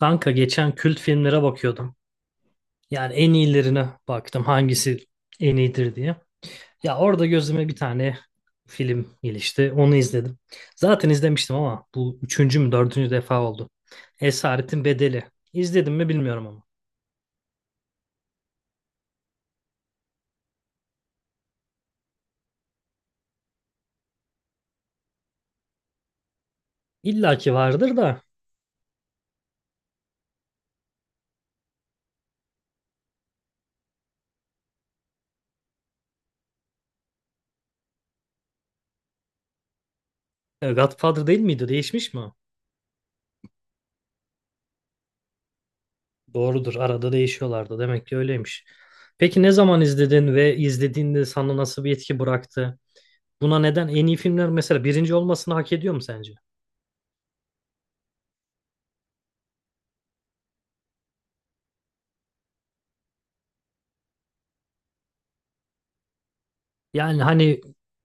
Kanka geçen kült filmlere bakıyordum. Yani en iyilerine baktım hangisi en iyidir diye. Ya orada gözüme bir tane film ilişti. Onu izledim. Zaten izlemiştim ama bu üçüncü mü dördüncü defa oldu. Esaretin Bedeli. İzledim mi bilmiyorum ama. İlla ki vardır da. Godfather değil miydi? Değişmiş mi o? Doğrudur. Arada değişiyorlardı. Demek ki öyleymiş. Peki ne zaman izledin ve izlediğinde sana nasıl bir etki bıraktı? Buna neden en iyi filmler mesela birinci olmasını hak ediyor mu sence? Yani hani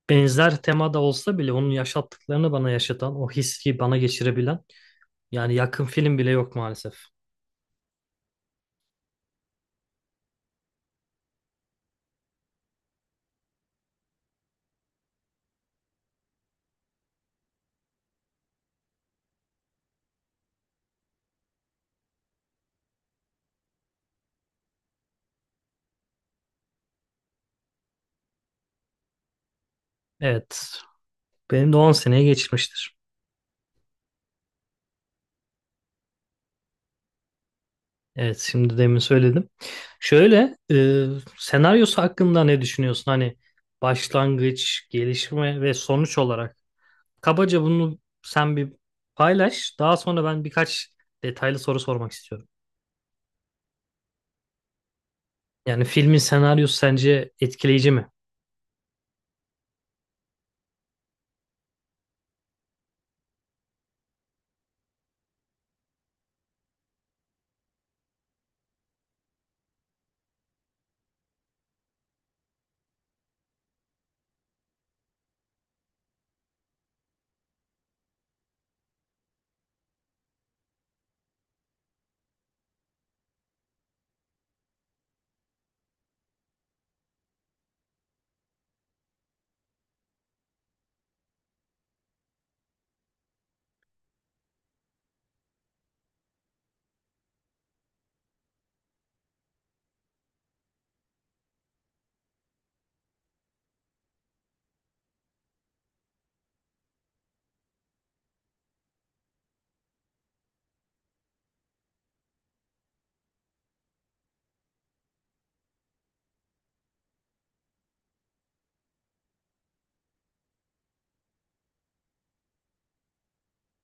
benzer temada olsa bile onun yaşattıklarını bana yaşatan, o hissi bana geçirebilen yani yakın film bile yok maalesef. Evet. Benim de 10 seneye geçmiştir. Evet şimdi demin söyledim. Şöyle senaryosu hakkında ne düşünüyorsun? Hani başlangıç, gelişme ve sonuç olarak. Kabaca bunu sen bir paylaş. Daha sonra ben birkaç detaylı soru sormak istiyorum. Yani filmin senaryosu sence etkileyici mi?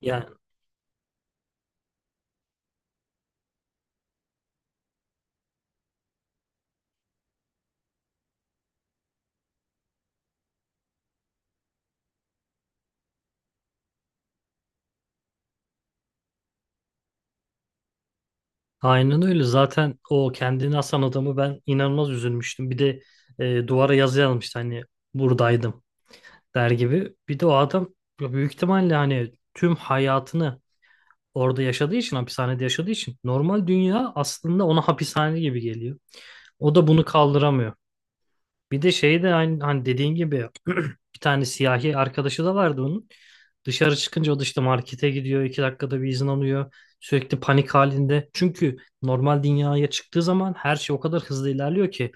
Yani aynen öyle. Zaten o kendini asan adamı ben inanılmaz üzülmüştüm. Bir de duvara yazı yazmıştı hani buradaydım der gibi. Bir de o adam ya büyük ihtimalle hani tüm hayatını orada yaşadığı için, hapishanede yaşadığı için normal dünya aslında ona hapishane gibi geliyor. O da bunu kaldıramıyor. Bir de şey de aynı hani dediğin gibi bir tane siyahi arkadaşı da vardı onun. Dışarı çıkınca o da işte markete gidiyor. İki dakikada bir izin alıyor. Sürekli panik halinde. Çünkü normal dünyaya çıktığı zaman her şey o kadar hızlı ilerliyor ki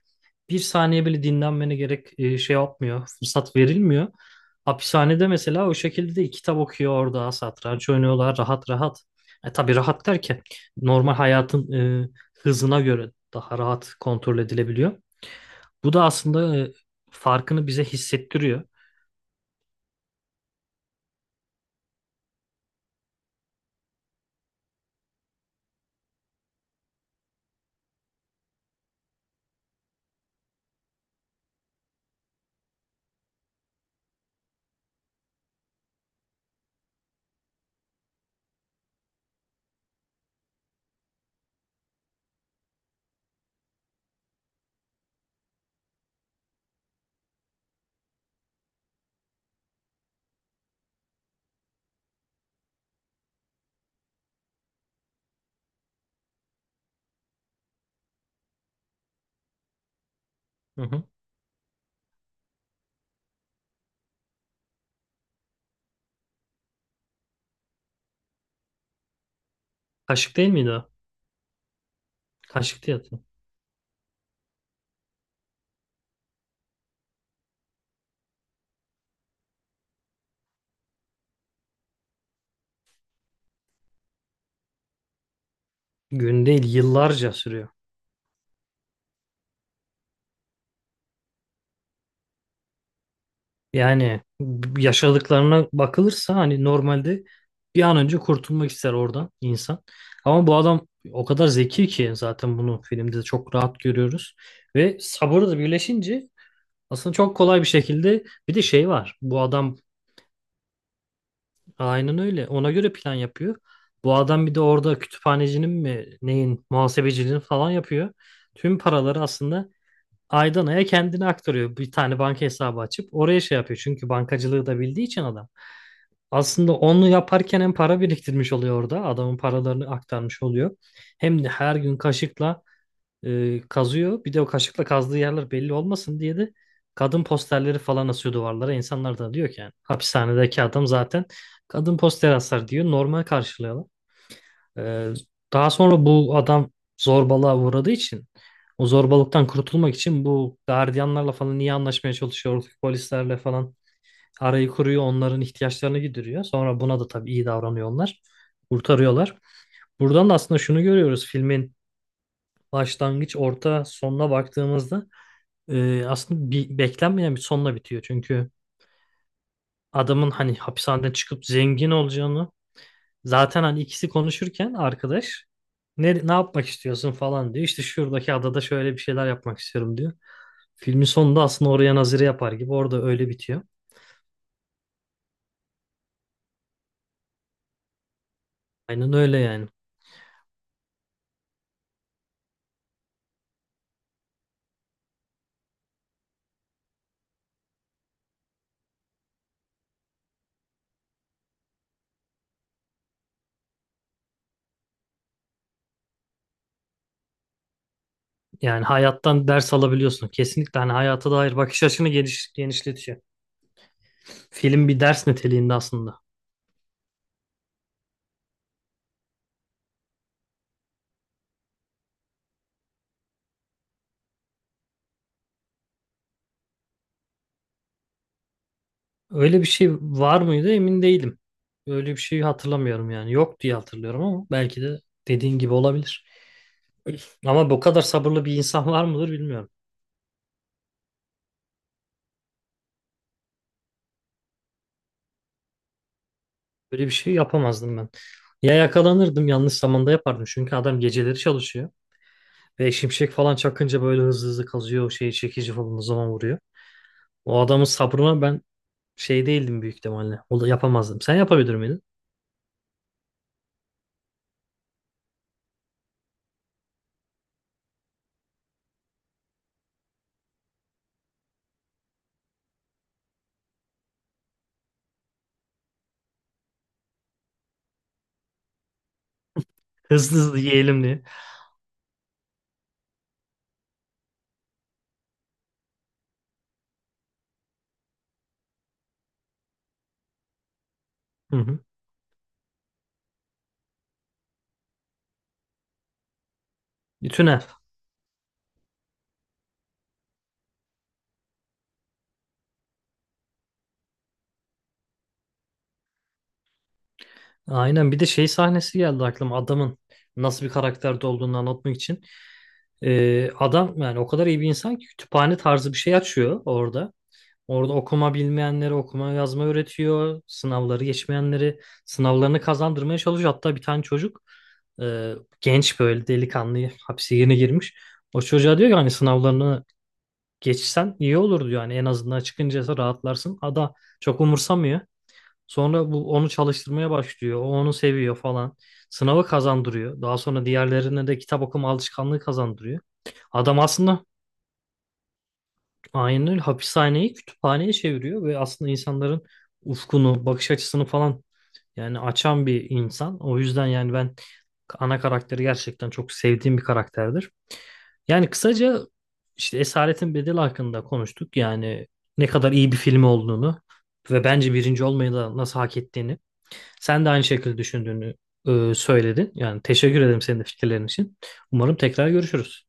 bir saniye bile dinlenmene gerek şey yapmıyor. Fırsat verilmiyor. Hapishanede mesela o şekilde de kitap okuyor orada. Satranç oynuyorlar rahat rahat. E, tabii rahat derken normal hayatın hızına göre daha rahat kontrol edilebiliyor. Bu da aslında farkını bize hissettiriyor. Hı hı. Kaşık değil miydi o? Kaşıktı ya. Gün değil yıllarca sürüyor. Yani yaşadıklarına bakılırsa hani normalde bir an önce kurtulmak ister oradan insan. Ama bu adam o kadar zeki ki zaten bunu filmde de çok rahat görüyoruz. Ve sabırı da birleşince aslında çok kolay bir şekilde bir de şey var. Bu adam aynen öyle ona göre plan yapıyor. Bu adam bir de orada kütüphanecinin mi neyin muhasebeciliğini falan yapıyor. Tüm paraları aslında aydan aya kendini aktarıyor. Bir tane banka hesabı açıp oraya şey yapıyor. Çünkü bankacılığı da bildiği için adam. Aslında onu yaparken hem para biriktirmiş oluyor orada. Adamın paralarını aktarmış oluyor. Hem de her gün kaşıkla kazıyor. Bir de o kaşıkla kazdığı yerler belli olmasın diye de kadın posterleri falan asıyor duvarlara. İnsanlar da diyor ki yani, hapishanedeki adam zaten kadın posteri asar diyor. Normal karşılıyorlar. Ee, Daha sonra bu adam zorbalığa uğradığı için o zorbalıktan kurtulmak için bu gardiyanlarla falan iyi anlaşmaya çalışıyor. Oradaki polislerle falan arayı kuruyor. Onların ihtiyaçlarını gideriyor. Sonra buna da tabii iyi davranıyor onlar. Kurtarıyorlar. Buradan da aslında şunu görüyoruz filmin başlangıç, orta, sonuna baktığımızda aslında bir, beklenmeyen bir sonla bitiyor. Çünkü adamın hani hapishaneden çıkıp zengin olacağını zaten hani ikisi konuşurken arkadaş ne, ne yapmak istiyorsun falan diyor. İşte şuradaki adada şöyle bir şeyler yapmak istiyorum diyor. Filmin sonunda aslında oraya nazire yapar gibi orada öyle bitiyor. Aynen öyle yani. Yani hayattan ders alabiliyorsun. Kesinlikle hani hayata dair bakış açını geniş, genişletiyor. Film bir ders niteliğinde aslında. Öyle bir şey var mıydı emin değilim. Öyle bir şeyi hatırlamıyorum yani. Yok diye hatırlıyorum ama belki de dediğin gibi olabilir. Ama bu kadar sabırlı bir insan var mıdır bilmiyorum. Böyle bir şey yapamazdım ben. Ya yakalanırdım yanlış zamanda yapardım. Çünkü adam geceleri çalışıyor. Ve şimşek falan çakınca böyle hızlı hızlı kazıyor. O şeyi çekici falan o zaman vuruyor. O adamın sabrına ben şey değildim büyük ihtimalle. O da yapamazdım. Sen yapabilir miydin? Hızlı hızlı yiyelim diye. Hı hı. Tünel. Aynen bir de şey sahnesi geldi aklıma. Adamın nasıl bir karakterde olduğunu anlatmak için. Adam yani o kadar iyi bir insan ki kütüphane tarzı bir şey açıyor orada. Orada okuma bilmeyenleri okuma yazma öğretiyor. Sınavları geçmeyenleri sınavlarını kazandırmaya çalışıyor. Hatta bir tane çocuk e, genç böyle delikanlı hapse yeni girmiş. O çocuğa diyor ki hani sınavlarını geçsen iyi olur diyor. Hani en azından çıkınca rahatlarsın. Ada çok umursamıyor. Sonra bu onu çalıştırmaya başlıyor. O onu seviyor falan. Sınavı kazandırıyor. Daha sonra diğerlerine de kitap okuma alışkanlığı kazandırıyor. Adam aslında aynen öyle. Hapishaneyi kütüphaneye çeviriyor ve aslında insanların ufkunu, bakış açısını falan yani açan bir insan. O yüzden yani ben ana karakteri gerçekten çok sevdiğim bir karakterdir. Yani kısaca işte Esaretin Bedeli hakkında konuştuk. Yani ne kadar iyi bir film olduğunu ve bence birinci olmayı da nasıl hak ettiğini. Sen de aynı şekilde düşündüğünü söyledin. Yani teşekkür ederim senin de fikirlerin için. Umarım tekrar görüşürüz.